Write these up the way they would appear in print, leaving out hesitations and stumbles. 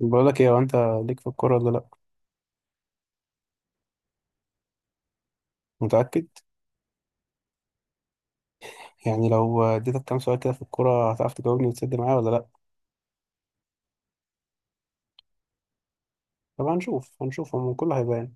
بقول لك ايه؟ هو انت ليك في الكوره ولا لا؟ متاكد؟ يعني لو اديتك كام سؤال كده في الكوره هتعرف تجاوبني وتسد معايا ولا لا؟ طب هنشوف هو كله هيبان.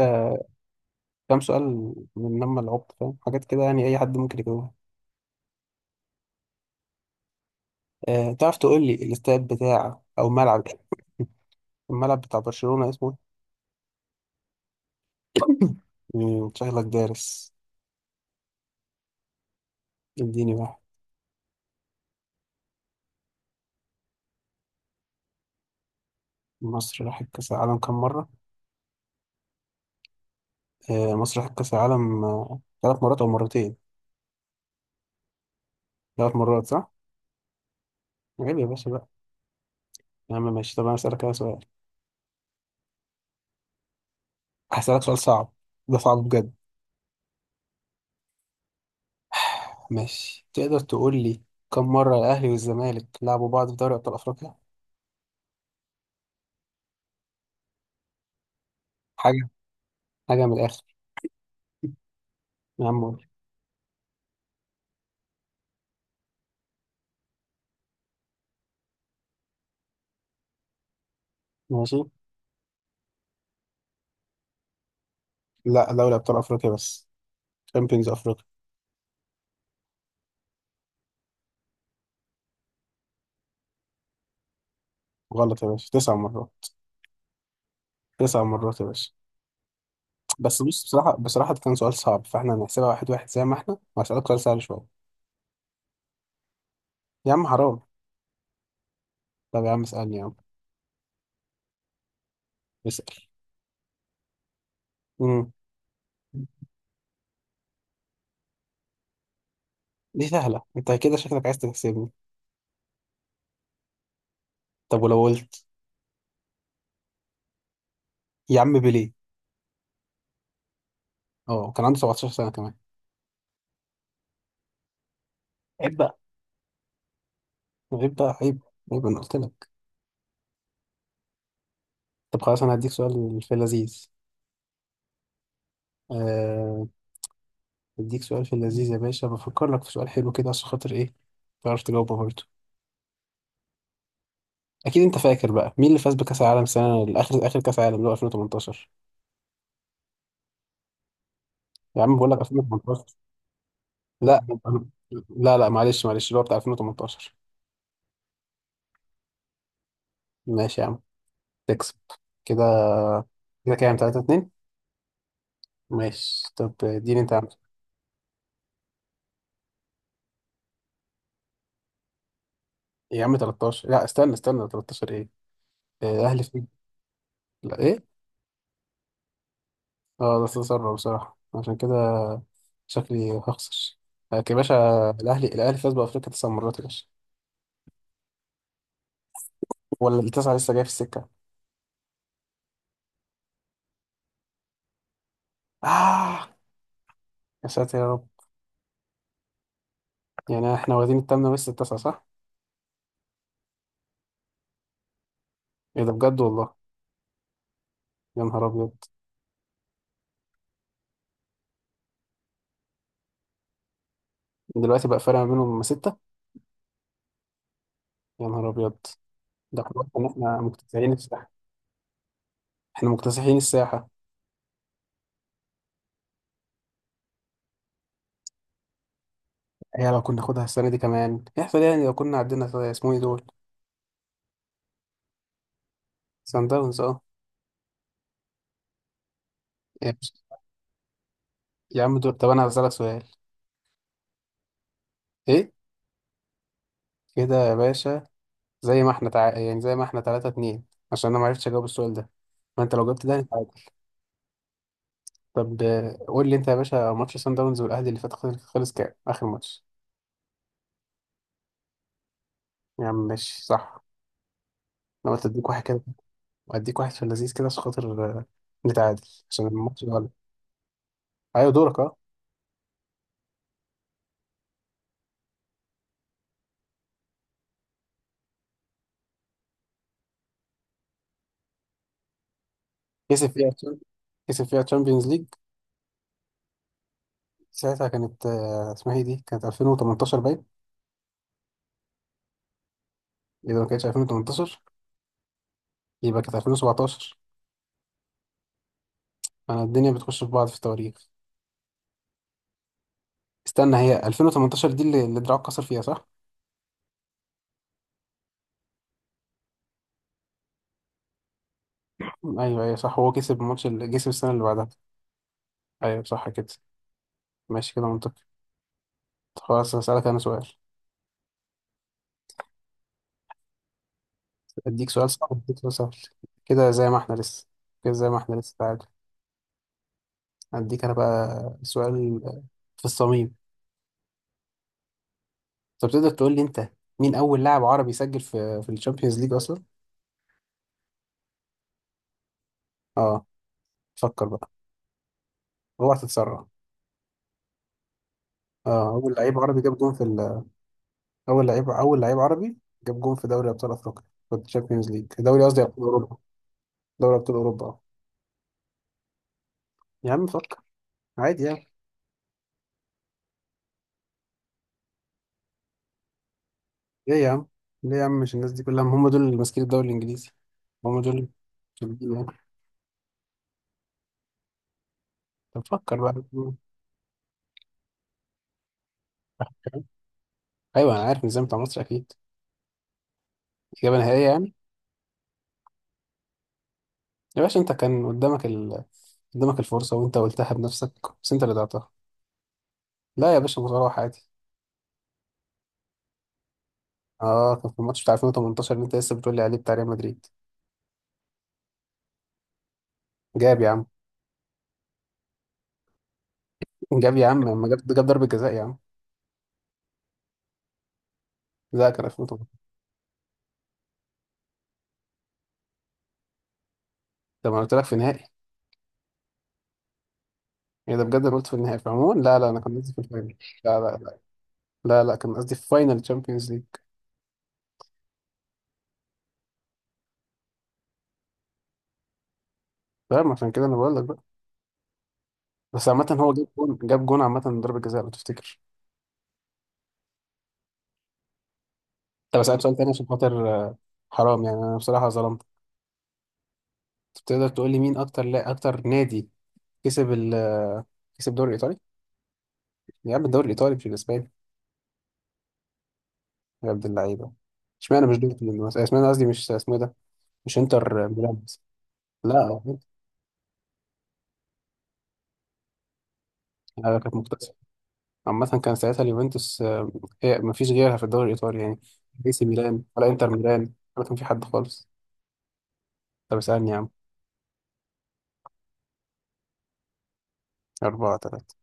آه كام سؤال؟ من لما لعبت فاهم حاجات كده، يعني اي حد ممكن يجاوبها. تعرف تقول لي الاستاد بتاع او ملعب، الملعب بتاع برشلونه اسمه إيه؟ شكلك دارس. اديني بقى. مصر راحت كاس العالم كام مره؟ آه، مصر راحت كاس العالم، 3 مرات او مرتين. 3 مرات، صح. عيب يا باشا بقى. يا عم ماشي، طب انا اسالك كده سؤال. هسألك سؤال صعب، ده صعب بجد. ماشي، تقدر تقول لي، كم مرة الأهلي والزمالك لعبوا بعض في دوري أبطال أفريقيا؟ حاجة، حاجة من الآخر. يا عم قول. ماشي، لا دوري أبطال أفريقيا بس، شامبيونز أفريقيا. غلط يا باشا، 9 مرات. 9 مرات يا باشا. بس بص، بصراحة ده كان سؤال صعب، فاحنا هنحسبها واحد واحد زي ما احنا، وهسألك سؤال سهل شوية. يا عم حرام. طب يا عم اسألني. يا عم اسأل. امم دي سهلة، انت كده شكلك عايز تكسبني. طب ولو قلت؟ يا عم بيليه. اه، كان عنده 17 سنة كمان. عيب بقى، من غير بقى عيب. عيب، انا قلت لك. طب خلاص، انا هديك سؤال في اللذيذ. آه، هديك سؤال في اللذيذ يا باشا، بفكر لك في سؤال حلو كده عشان خاطر تعرف تجاوبه برضه. اكيد انت فاكر بقى مين اللي فاز بكاس العالم سنه الاخر، اخر كاس العالم اللي هو 2018. يا عم بقول لك 2018. لا لا لا، معلش معلش، اللي هو بتاع 2018. ماشي يا عم، تكسب كده. كده كام؟ 3-2. ماشي طب اديني انت يا عم. يا عم 13، لا استنى استنى، 13 ايه؟ الاهلي فين؟ لا ايه؟ اه، ده استثمر بصراحة، عشان كده شكلي هخسر. لكن يا باشا، الأهلي فاز بأفريقيا 9 مرات يا باشا، ولا التسعة لسه جاية في السكة؟ آه يا ساتر يا رب. يعني احنا واخدين التامنة ولسه التاسعة، صح؟ ايه ده بجد والله؟ يا نهار أبيض. دلوقتي بقى فرق ما بينهم ستة. يا نهار أبيض. ده خلاص إن احنا مكتسحين الساحة. احنا مكتسحين الساحة. هي لو كنا ناخدها السنة دي كمان يحصل إيه يعني؟ لو كنا عدينا، اسمه ايه دول؟ سان داونز، اه. يا باشا. يا عم دول، طب أنا هسألك سؤال. ايه كده يا باشا؟ زي ما احنا يعني زي ما احنا 3-2. عشان انا ما عرفتش اجاوب السؤال ده، ما انت لو جبت ده انت عادي. طب قول لي انت يا باشا، ماتش سان داونز والاهلي اللي فات خلص، خلص كام اخر ماتش؟ يا عم ماشي، صح. انا قلت اديك واحد كده، واديك واحد في اللذيذ كده عشان خاطر نتعادل، عشان الماتش ده غلط. ايوه دورك، اه. كسب فيها، كسب فيها تشامبيونز ليج؟ ساعتها كانت، اسمها ايه دي، كانت 2018 باين. اذا ما كانتش 2018 يبقى كانت 2017. انا الدنيا بتخش في بعض في التواريخ. استنى، هي 2018 دي اللي دراعه اتكسر فيها، صح؟ ايوه ايوه صح، هو كسب الماتش اللي كسب السنه اللي بعدها. ايوه صح كده. ماشي كده منطقي. خلاص هسألك انا سؤال، اديك سؤال صعب اديك سؤال سهل. كده زي ما احنا لسه، كده زي ما احنا لسه تعادل. اديك انا بقى سؤال في الصميم. طب تقدر تقول لي انت، مين اول لاعب عربي سجل في الشامبيونز ليج اصلا؟ اه فكر بقى، اوعى تتسرع. اه، اول لعيب عربي جاب جون في اول لعيب، اول لعيب عربي جاب جون في دوري ابطال افريقيا، في الشامبيونز ليج، دوري قصدي ابطال اوروبا. دوري ابطال اوروبا، اه. يا عم فكر، عادي يعني. ليه يا عم؟ ليه يا عم؟ مش الناس دي كلها هم دول اللي ماسكين الدوري الانجليزي، هم دول اللي بيجيبوا يعني. طب فكر بقى. ايوه انا عارف النظام بتاع مصر، اكيد. اجابه نهائيه يعني؟ يا باشا انت كان قدامك قدامك الفرصه وانت قلتها بنفسك، بس انت اللي ضيعتها. لا يا باشا، مصارعه عادي. اه، كان في الماتش بتاع 2018 اللي انت لسه بتقول لي عليه بتاع ريال مدريد. جاب يا عم. جاب يا عم، لما جاب، جاب ضربه جزاء يا عم. لا كان 2018. طب انا قلت لك في النهائي. ايه ده بجد؟ انا قلت في النهائي، فعموما لا لا، انا كان قصدي في الفاينل. لا لا لا، لا لا كان قصدي في فاينل تشامبيونز ليج. فاهم، عشان كده انا بقول لك بقى. بس عامة هو جاب جون، جاب جون عامة من ضربة جزاء لو تفتكر. طب اسألك سؤال تاني عشان خاطر حرام، يعني انا بصراحة ظلمت. تقدر تقول لي مين اكتر، لا اكتر نادي كسب ال آه، كسب الدوري الايطالي؟ يا عم الدوري الايطالي مش الاسباني. يا عبد اللعيبة. اشمعنى مش دورتموند مثلا، اشمعنى قصدي مش اسمه إيه ده، مش انتر ميلان بس. لا، كانت مكتسحة. عامة كان ساعتها اليوفنتوس، هي مفيش غيرها في الدوري الايطالي يعني. اي سي ميلان ولا انتر ميلان ولا كان في حد خالص. طب اسألني يا عم. أربعة تلاتة.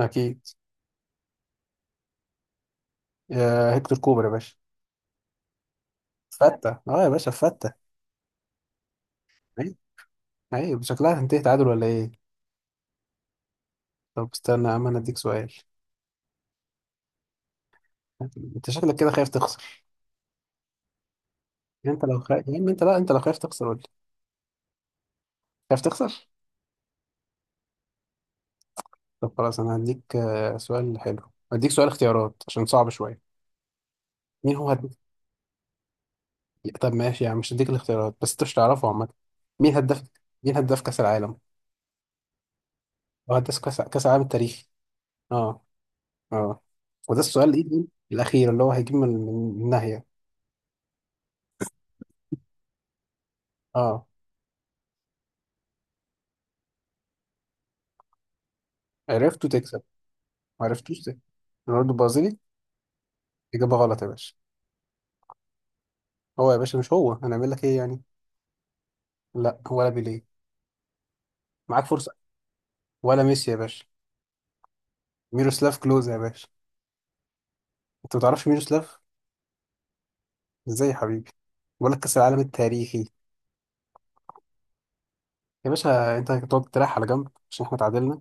أكيد. يا هيكتور كوبر يا باشا. فتة، اه يا باشا فتة. عيب، عيب. شكلها هتنتهي تعادل ولا ايه؟ طب استنى يا عم انا اديك سؤال. انت شكلك كده خايف تخسر. يعني انت لو خايف يا عم، انت لا، انت لو خايف تخسر قول لي خايف تخسر. طب خلاص انا هديك سؤال حلو، هديك سؤال اختيارات عشان صعب شويه. مين هو هدف، طب ماشي يا عم مش هديك الاختيارات، بس انت مش تعرفه عامه. مين هداف، مين هداف كاس العالم، او هداف كاس، كاس العالم التاريخي. اه. اه وده السؤال ايه، الاخير اللي هو هيجيب من النهايه. اه، عرفته تكسب. ما عرفتوش ده، رونالدو البرازيلي. إجابة غلط يا باشا. هو يا باشا مش هو، هنعمل لك إيه يعني؟ لا ولا بيليه. معاك فرصة. ولا ميسي يا باشا. ميروسلاف كلوز يا باشا. أنت ما تعرفش ميروسلاف؟ إزاي يا حبيبي، بقول لك كأس العالم التاريخي. يا باشا أنت هتقعد تريح على جنب عشان إحنا تعادلنا،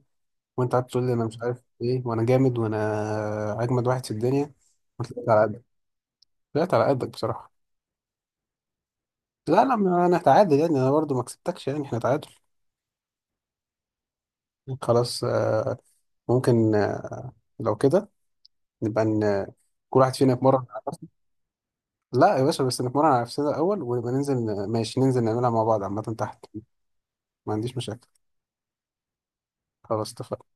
وأنت قاعد تقول لي أنا مش عارف إيه، وأنا جامد وأنا أجمد واحد في الدنيا. ما طلعت على قدك، طلعت على قدك بصراحة. لا لا، ما أنا هتعادل يعني، أنا برضه ما كسبتكش يعني، إحنا تعادل. خلاص ممكن لو كده نبقى كل واحد فينا يتمرن على نفسه. لا يا باشا، بس نتمرن على نفسنا الأول ونبقى ننزل، ماشي ننزل نعملها مع بعض عامة تحت. ما عنديش مشاكل. خلاص اتفقنا.